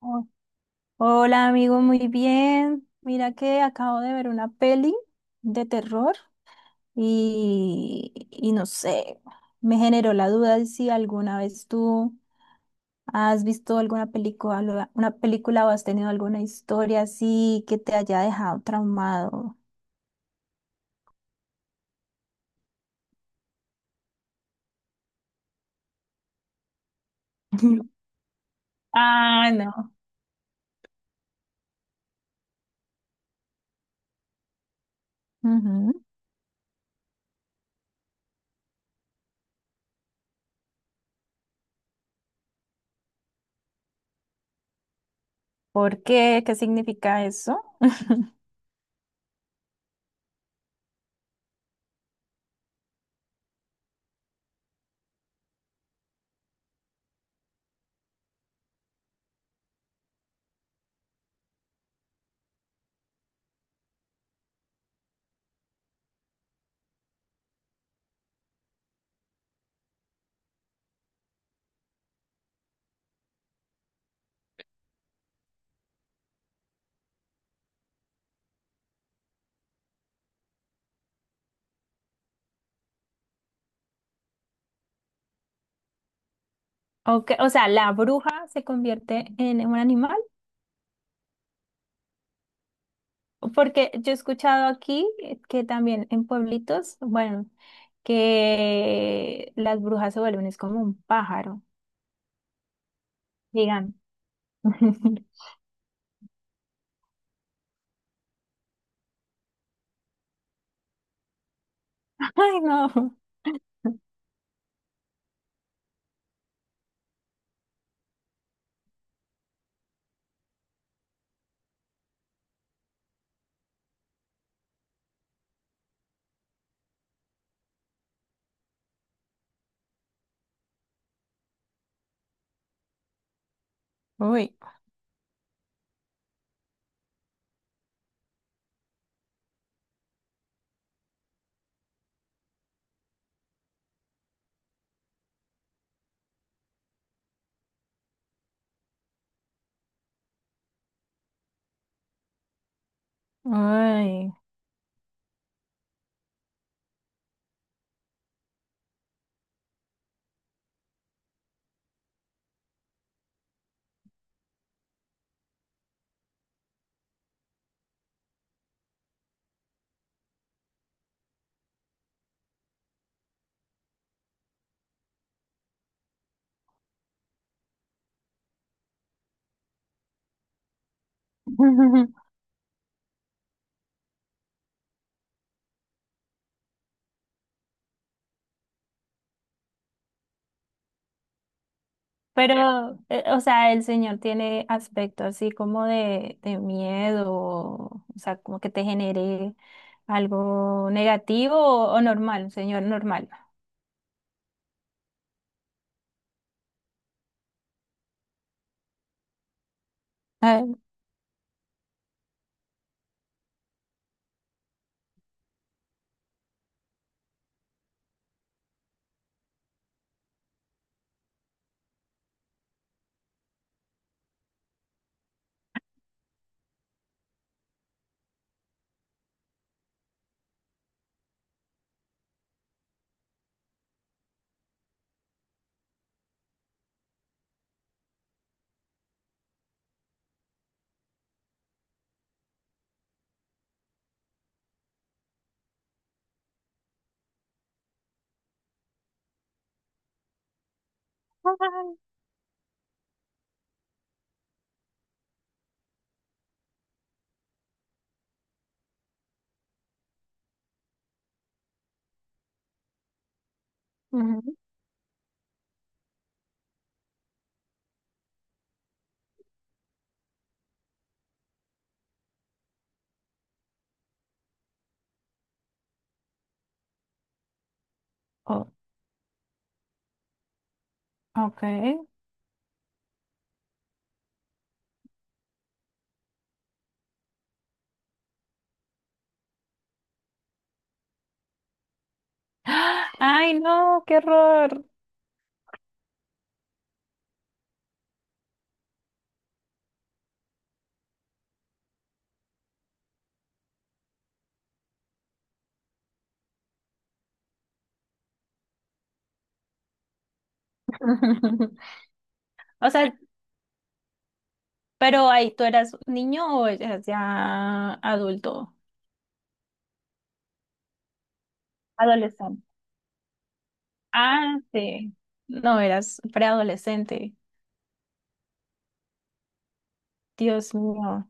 Oh. Hola amigo, muy bien. Mira que acabo de ver una peli de terror y no sé, me generó la duda de si alguna vez tú has visto alguna película, una película o has tenido alguna historia así que te haya dejado traumado. Ah, no. Ujú. ¿Por qué? ¿Qué significa eso? Okay, o sea, la bruja se convierte en un animal. Porque yo he escuchado aquí que también en pueblitos, bueno, que las brujas se vuelven, es como un pájaro, digan. Ay, no. Uy, ay. Pero, o sea, el señor tiene aspecto así como de miedo, o sea, como que te genere algo negativo o normal, un señor normal. Ay. Ay. Ujú. Oh, ok. ¡Ah! Ay, no, qué horror. O sea, pero ahí tú eras niño o eras ya adulto. Adolescente. Ah, sí. No, eras preadolescente. Dios mío.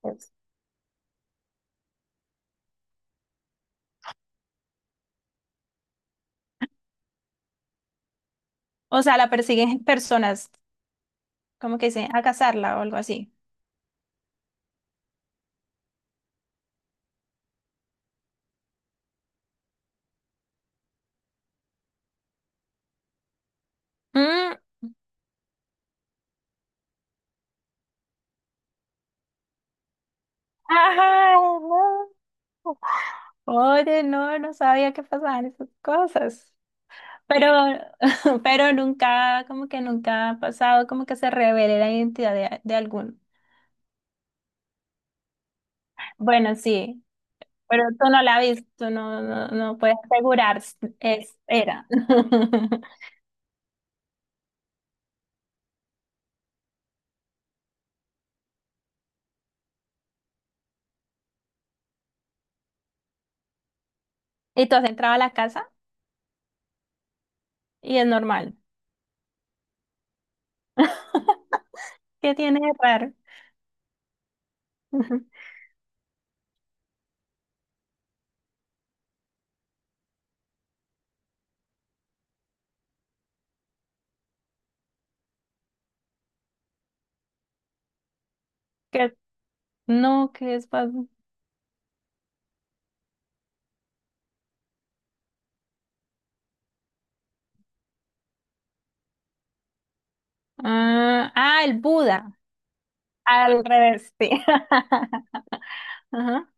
Pues. O sea, la persiguen personas, como que dicen, a cazarla o algo así. Mm, ajá, no. Oye, no, no sabía que pasaban esas cosas. Pero, pero nunca, como que nunca ha pasado, como que se revele la identidad de alguno. Bueno, sí, pero tú no la viste, tú no, no, no puedes asegurar, s- es, era. Y tú has entrado a la casa y es normal. ¿Qué tiene de raro? Que no, que es pas- Ah, ah, el Buda, al revés, sí. Ajá,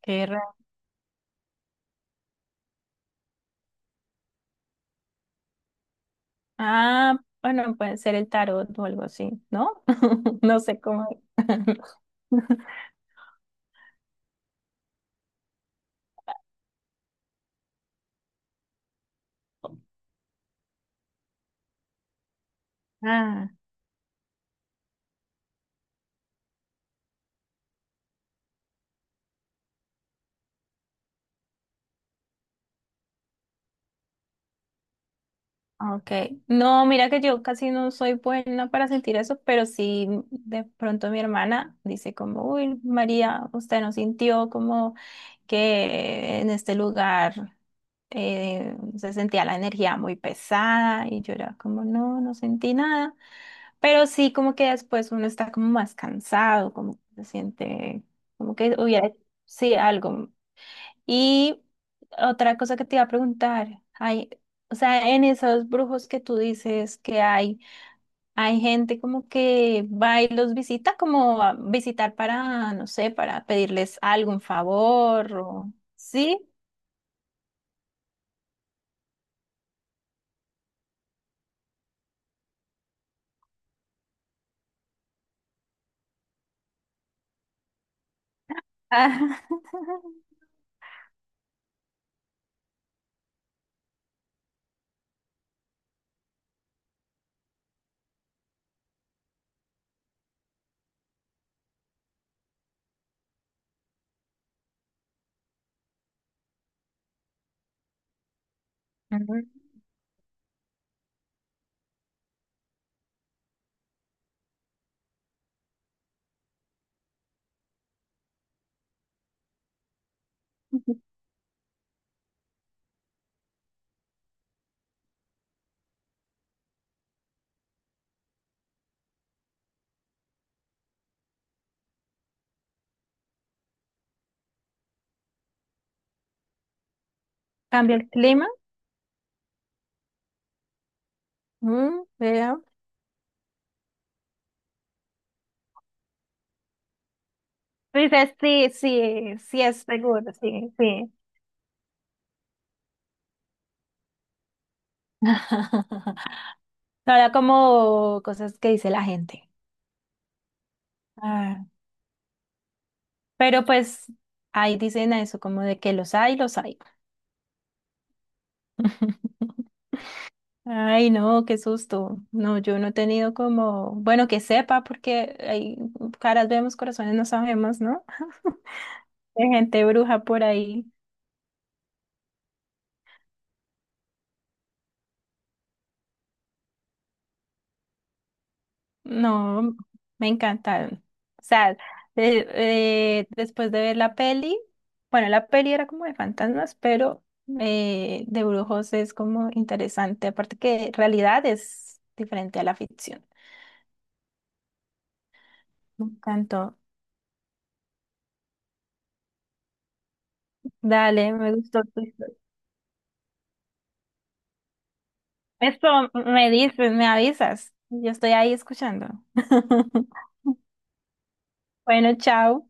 qué raro. Ah, bueno, puede ser el tarot o algo así, ¿no? No sé cómo. Ah. Okay. No, mira que yo casi no soy buena para sentir eso, pero sí de pronto mi hermana dice como, uy, María, usted no sintió como que en este lugar se sentía la energía muy pesada y yo era como, no, no sentí nada, pero sí como que después uno está como más cansado, como que se siente, como que hubiera, sí, algo, y otra cosa que te iba a preguntar, hay, o sea, en esos brujos que tú dices que hay gente como que va y los visita, como a visitar para, no sé, para pedirles algún favor o sí. Ah, ujú. Cambia el clima. Mm, vea. Dices, sí, sí, sí es seguro, sí, sí. No era como cosas que dice la gente. Ah. Pero pues ahí dicen a eso, como de que los hay, los hay. Ay, no, qué susto. No, yo no he tenido como, bueno, que sepa, porque hay caras vemos, corazones no sabemos, ¿no? De gente bruja por ahí. No, me encantaron. O sea, de- después de ver la peli, bueno, la peli era como de fantasmas, pero de brujos es como interesante, aparte que realidad es diferente a la ficción. Me encantó. Dale, me gustó tu historia. Esto me dices, me avisas. Yo estoy ahí escuchando. Bueno, chao.